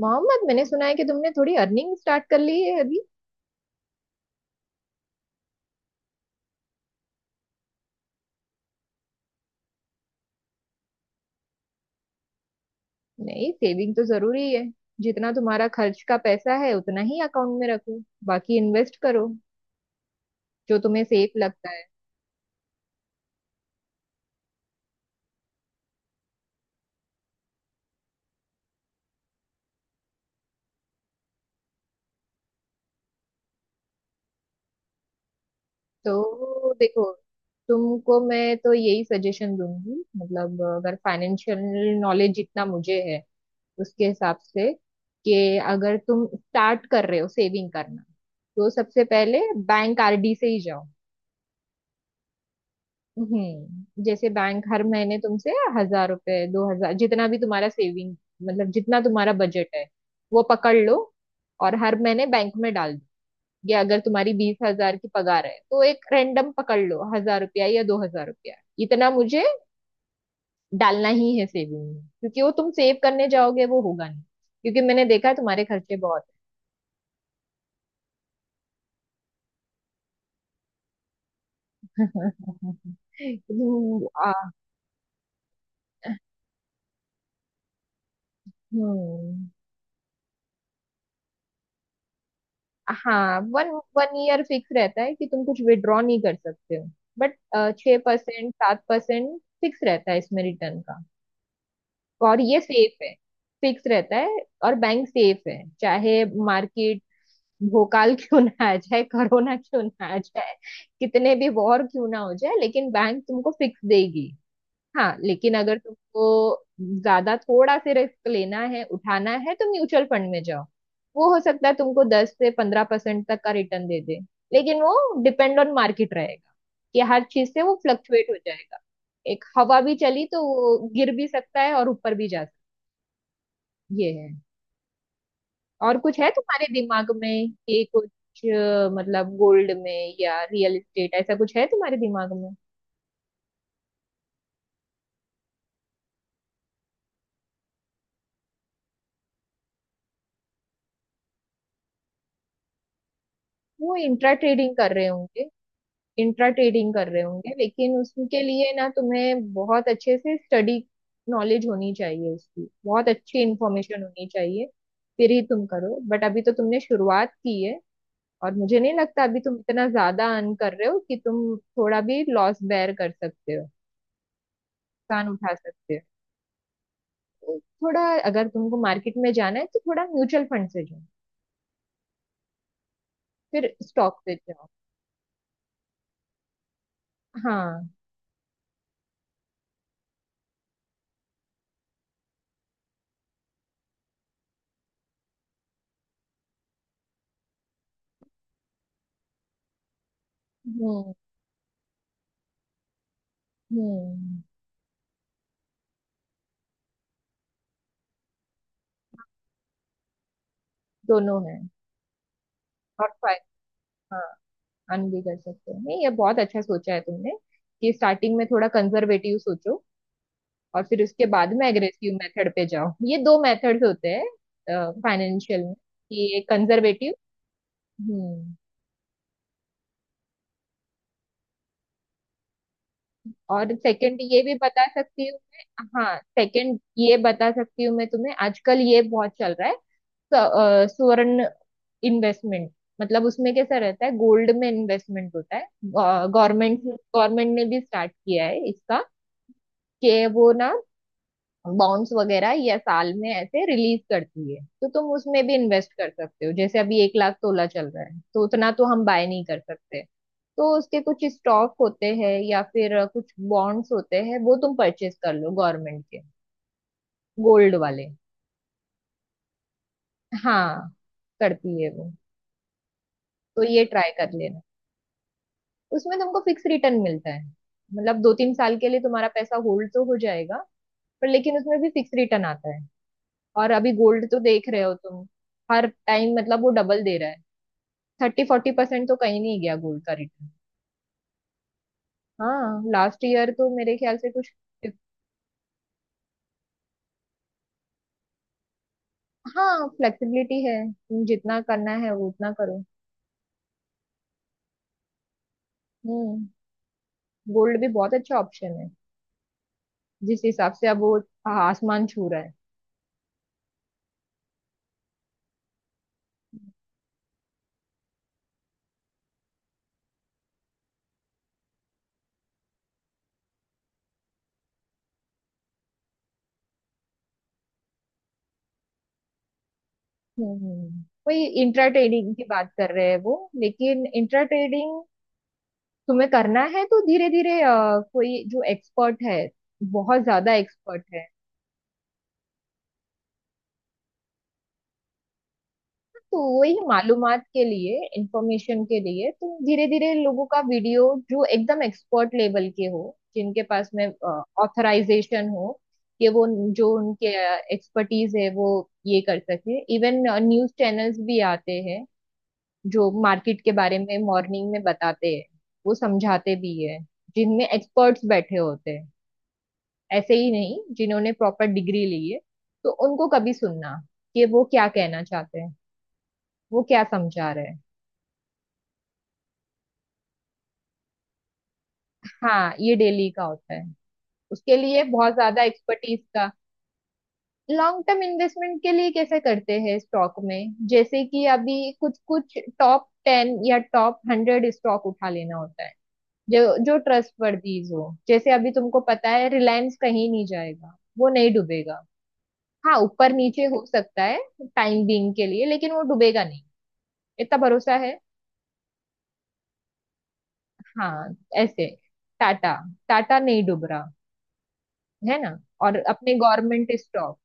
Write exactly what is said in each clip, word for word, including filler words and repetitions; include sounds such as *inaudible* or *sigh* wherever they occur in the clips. मोहम्मद मैंने सुना है कि तुमने थोड़ी अर्निंग स्टार्ट कर ली है अभी। नहीं, सेविंग तो जरूरी है। जितना तुम्हारा खर्च का पैसा है उतना ही अकाउंट में रखो, बाकी इन्वेस्ट करो, जो तुम्हें सेफ लगता है। तो देखो, तुमको मैं तो यही सजेशन दूंगी, मतलब अगर फाइनेंशियल नॉलेज जितना मुझे है उसके हिसाब से, कि अगर तुम स्टार्ट कर रहे हो सेविंग करना, तो सबसे पहले बैंक आरडी से ही जाओ। हम्म, जैसे बैंक हर महीने तुमसे हजार रुपए दो हजार, जितना भी तुम्हारा सेविंग, मतलब जितना तुम्हारा बजट है वो पकड़ लो और हर महीने बैंक में डाल दो। या अगर तुम्हारी बीस हजार की पगार है तो एक रैंडम पकड़ लो हजार रुपया या दो हजार रुपया, इतना मुझे डालना ही है सेविंग में। क्योंकि वो तुम सेव करने जाओगे वो होगा नहीं, क्योंकि मैंने देखा है तुम्हारे खर्चे बहुत हैं। *laughs* तुम, आ, हम्म। हाँ, वन, वन ईयर फिक्स रहता है कि तुम कुछ विड्रॉ नहीं कर सकते हो, बट छः परसेंट सात परसेंट फिक्स रहता है इसमें रिटर्न का, और ये सेफ है। फिक्स रहता है, और बैंक सेफ है। चाहे मार्केट भोकाल *laughs* क्यों ना आ जाए, कोरोना क्यों ना आ जाए, कितने भी वॉर क्यों ना हो जाए, लेकिन बैंक तुमको फिक्स देगी। हाँ, लेकिन अगर तुमको ज्यादा थोड़ा से रिस्क लेना है, उठाना है, तो म्यूचुअल फंड में जाओ। वो हो सकता है तुमको दस से पंद्रह परसेंट तक का रिटर्न दे दे, लेकिन वो डिपेंड ऑन मार्केट रहेगा, कि हर चीज से वो फ्लक्चुएट हो जाएगा। एक हवा भी चली तो वो गिर भी सकता है और ऊपर भी जा सकता है, ये है। और कुछ है तुम्हारे दिमाग में कि कुछ अ, मतलब गोल्ड में या रियल एस्टेट, ऐसा कुछ है तुम्हारे दिमाग में? वो इंट्रा ट्रेडिंग कर रहे होंगे। इंट्रा ट्रेडिंग कर रहे होंगे, लेकिन उसके लिए ना तुम्हें बहुत अच्छे से स्टडी, नॉलेज होनी चाहिए, उसकी बहुत अच्छी इंफॉर्मेशन होनी चाहिए, फिर ही तुम करो। बट अभी तो तुमने शुरुआत की है, और मुझे नहीं लगता अभी तुम इतना ज्यादा अर्न कर रहे हो कि तुम थोड़ा भी लॉस बेयर कर सकते हो, नुकसान उठा सकते हो। तो थोड़ा, अगर तुमको मार्केट में जाना है तो थोड़ा म्यूचुअल फंड से जाओ, फिर स्टॉक से जाओ। हाँ। हम्म। हम्म, दोनों है। और फायदा अन भी कर सकते हो। नहीं, ये बहुत अच्छा सोचा है तुमने, कि स्टार्टिंग में थोड़ा कंजर्वेटिव सोचो, और फिर उसके बाद में एग्रेसिव मेथड पे जाओ। ये दो मेथड्स होते हैं फाइनेंशियल में, कि एक कंजर्वेटिव। हम्म। और सेकंड ये भी बता सकती हूँ मैं। हाँ, सेकंड ये बता सकती हूँ मैं तुम्हें। आजकल ये बहुत चल रहा है, स- अ, स्वर्ण इन्वेस्टमेंट। मतलब उसमें कैसा रहता है, गोल्ड में इन्वेस्टमेंट होता है। गवर्नमेंट, गवर्नमेंट ने भी स्टार्ट किया है इसका, कि वो ना बॉन्ड्स वगैरह या साल में ऐसे रिलीज करती है, तो तुम उसमें भी इन्वेस्ट कर सकते हो। जैसे अभी एक लाख तोला चल रहा है, तो उतना तो हम बाय नहीं कर सकते। तो उसके कुछ स्टॉक होते हैं या फिर कुछ बॉन्ड्स होते हैं, वो तुम परचेज कर लो गवर्नमेंट के गोल्ड वाले। हाँ, करती है वो। तो ये ट्राई कर लेना। उसमें तुमको फिक्स रिटर्न मिलता है, मतलब दो तीन साल के लिए तुम्हारा पैसा होल्ड तो हो जाएगा, पर लेकिन उसमें भी फिक्स रिटर्न आता है। और अभी गोल्ड तो देख रहे हो तुम, हर टाइम मतलब वो डबल दे रहा है। थर्टी फोर्टी परसेंट तो कहीं नहीं गया गोल्ड का रिटर्न। हाँ, लास्ट ईयर तो मेरे ख्याल से कुछ। हाँ, फ्लेक्सिबिलिटी है, तुम जितना करना है वो उतना करो। हम्म। गोल्ड भी बहुत अच्छा ऑप्शन है, जिस हिसाब से अब वो आसमान छू रहा है। हम्म, हम्म। वही इंट्रा ट्रेडिंग की बात कर रहे हैं वो। लेकिन इंट्रा ट्रेडिंग तुम्हें करना है तो धीरे धीरे, कोई जो एक्सपर्ट है, बहुत ज्यादा एक्सपर्ट है। तो वही मालूमात के लिए, इंफॉर्मेशन के लिए, तो धीरे धीरे लोगों का वीडियो, जो एकदम एक्सपर्ट लेवल के हो, जिनके पास में ऑथराइजेशन हो, कि वो जो उनके एक्सपर्टीज है वो ये कर सके। इवन न्यूज चैनल्स भी आते हैं जो मार्केट के बारे में मॉर्निंग में बताते हैं, वो समझाते भी है, जिनमें एक्सपर्ट्स बैठे होते हैं, ऐसे ही नहीं, जिन्होंने प्रॉपर डिग्री ली है। तो उनको कभी सुनना कि वो क्या कहना चाहते हैं, वो क्या समझा रहे हैं। हाँ, ये डेली का होता है। उसके लिए बहुत ज्यादा एक्सपर्टीज का। लॉन्ग टर्म इन्वेस्टमेंट के लिए कैसे करते हैं, स्टॉक में जैसे कि अभी कुछ कुछ टॉप टेन या टॉप हंड्रेड स्टॉक उठा लेना होता है, जो जो ट्रस्टवर्दीज हो। जैसे अभी तुमको पता है रिलायंस कहीं नहीं जाएगा, वो नहीं डूबेगा। हाँ, ऊपर नीचे हो सकता है टाइम बीइंग के लिए, लेकिन वो डूबेगा नहीं, इतना भरोसा है। हाँ, ऐसे टाटा। टाटा नहीं डूब रहा, है ना। और अपने गवर्नमेंट स्टॉक,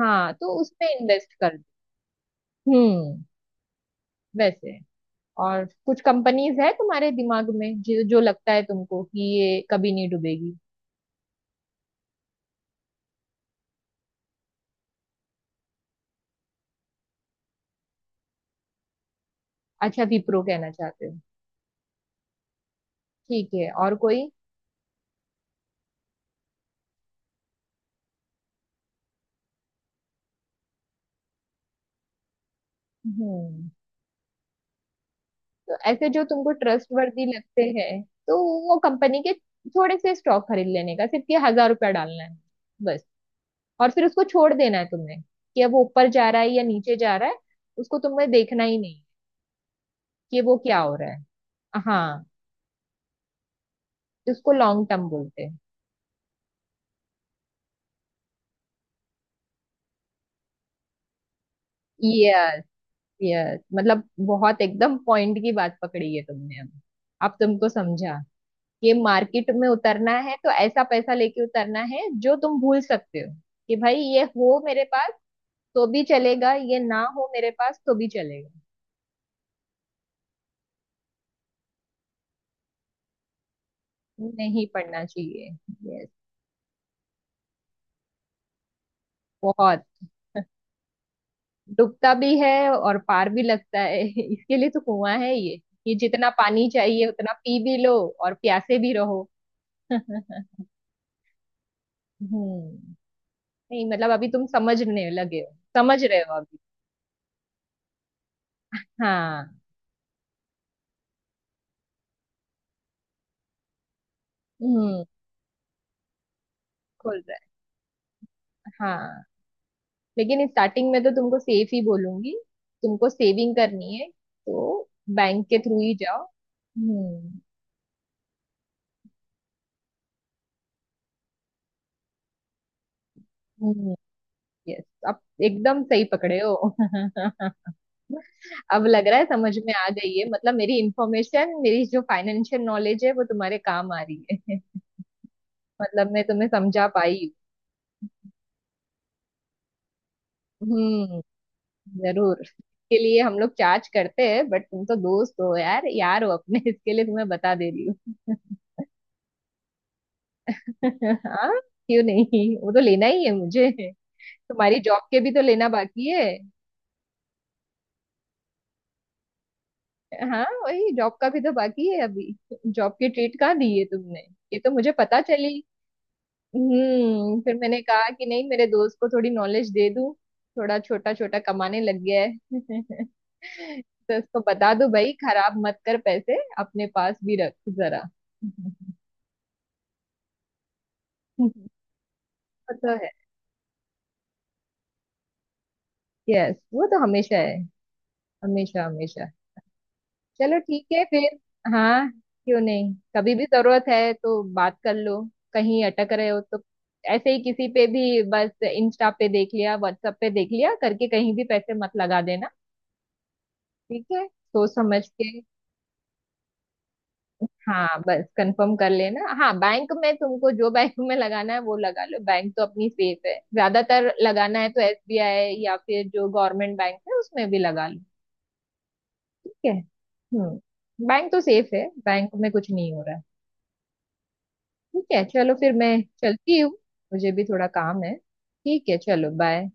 हाँ, तो उसमें इन्वेस्ट कर दो। हम्म, वैसे। और कुछ कंपनीज है तुम्हारे दिमाग में, जो जो लगता है तुमको कि ये कभी नहीं डूबेगी? अच्छा, विप्रो कहना चाहते हो। ठीक है, और कोई? हम्म। तो ऐसे जो तुमको ट्रस्टवर्दी लगते हैं, तो वो कंपनी के थोड़े से स्टॉक खरीद लेने का, सिर्फ ये हजार रुपया डालना है, बस। और फिर उसको छोड़ देना है तुम्हें, कि अब वो ऊपर जा रहा है या नीचे जा रहा है, उसको तुम्हें देखना ही नहीं कि वो क्या हो रहा है। हाँ, इसको लॉन्ग टर्म बोलते हैं। यस, यस, मतलब बहुत एकदम पॉइंट की बात पकड़ी है तुमने। अब अब तुमको समझा, कि मार्केट में उतरना है तो ऐसा पैसा लेके उतरना है जो तुम भूल सकते हो। कि भाई, ये हो मेरे पास तो भी चलेगा, ये ना हो मेरे पास तो भी चलेगा। नहीं पड़ना चाहिए। यस। बहुत डूबता भी है और पार भी लगता है। *laughs* इसके लिए तो कुआं है ये, कि जितना पानी चाहिए उतना पी भी लो और प्यासे भी रहो। *laughs* हम्म। नहीं मतलब अभी तुम समझने लगे हो, समझ रहे हो अभी। हाँ। हम्म, खुल रहा है, हाँ। लेकिन स्टार्टिंग में तो तुमको सेफ ही बोलूंगी। तुमको सेविंग करनी है तो बैंक के थ्रू ही जाओ। हम्म। हम्म, यस, अब एकदम सही पकड़े हो। *laughs* अब लग रहा है समझ में आ गई है, मतलब मेरी इंफॉर्मेशन, मेरी जो फाइनेंशियल नॉलेज है वो तुम्हारे काम आ रही है। *laughs* मतलब मैं तुम्हें समझा पाई हूँ। हम्म, जरूर इसके लिए हम लोग चार्ज करते हैं, बट तुम तो दोस्त हो यार, यार हो अपने, इसके लिए तुम्हें बता दे रही हूँ। *laughs* हाँ, क्यों नहीं, वो तो लेना ही है मुझे। तुम्हारी जॉब के भी तो लेना बाकी है। हाँ, वही जॉब का भी तो बाकी है अभी। जॉब की ट्रीट कहाँ दी है तुमने? ये तो मुझे पता चली। हम्म, फिर मैंने कहा कि नहीं, मेरे दोस्त को थोड़ी नॉलेज दे दूं। थोड़ा छोटा छोटा कमाने लग गया है। *laughs* तो उसको बता दो, भाई खराब मत कर, पैसे अपने पास भी रख जरा। *laughs* वो तो है। यस, वो तो हमेशा है, हमेशा हमेशा। चलो, ठीक है फिर। हाँ, क्यों नहीं, कभी भी जरूरत है तो बात कर लो। कहीं अटक रहे हो तो ऐसे ही किसी पे भी, बस इंस्टा पे देख लिया, व्हाट्सएप पे देख लिया करके कहीं भी पैसे मत लगा देना। ठीक है, सोच समझ के। हाँ, बस कंफर्म कर लेना। हाँ, बैंक में तुमको जो बैंक में लगाना है वो लगा लो, बैंक तो अपनी सेफ है ज्यादातर। लगाना है तो एसबीआई या फिर जो गवर्नमेंट बैंक है उसमें भी लगा लो। ठीक है। हम्म, बैंक तो सेफ है, बैंक में कुछ नहीं हो रहा है। ठीक है चलो फिर, मैं चलती हूँ, मुझे भी थोड़ा काम है। ठीक है, चलो बाय।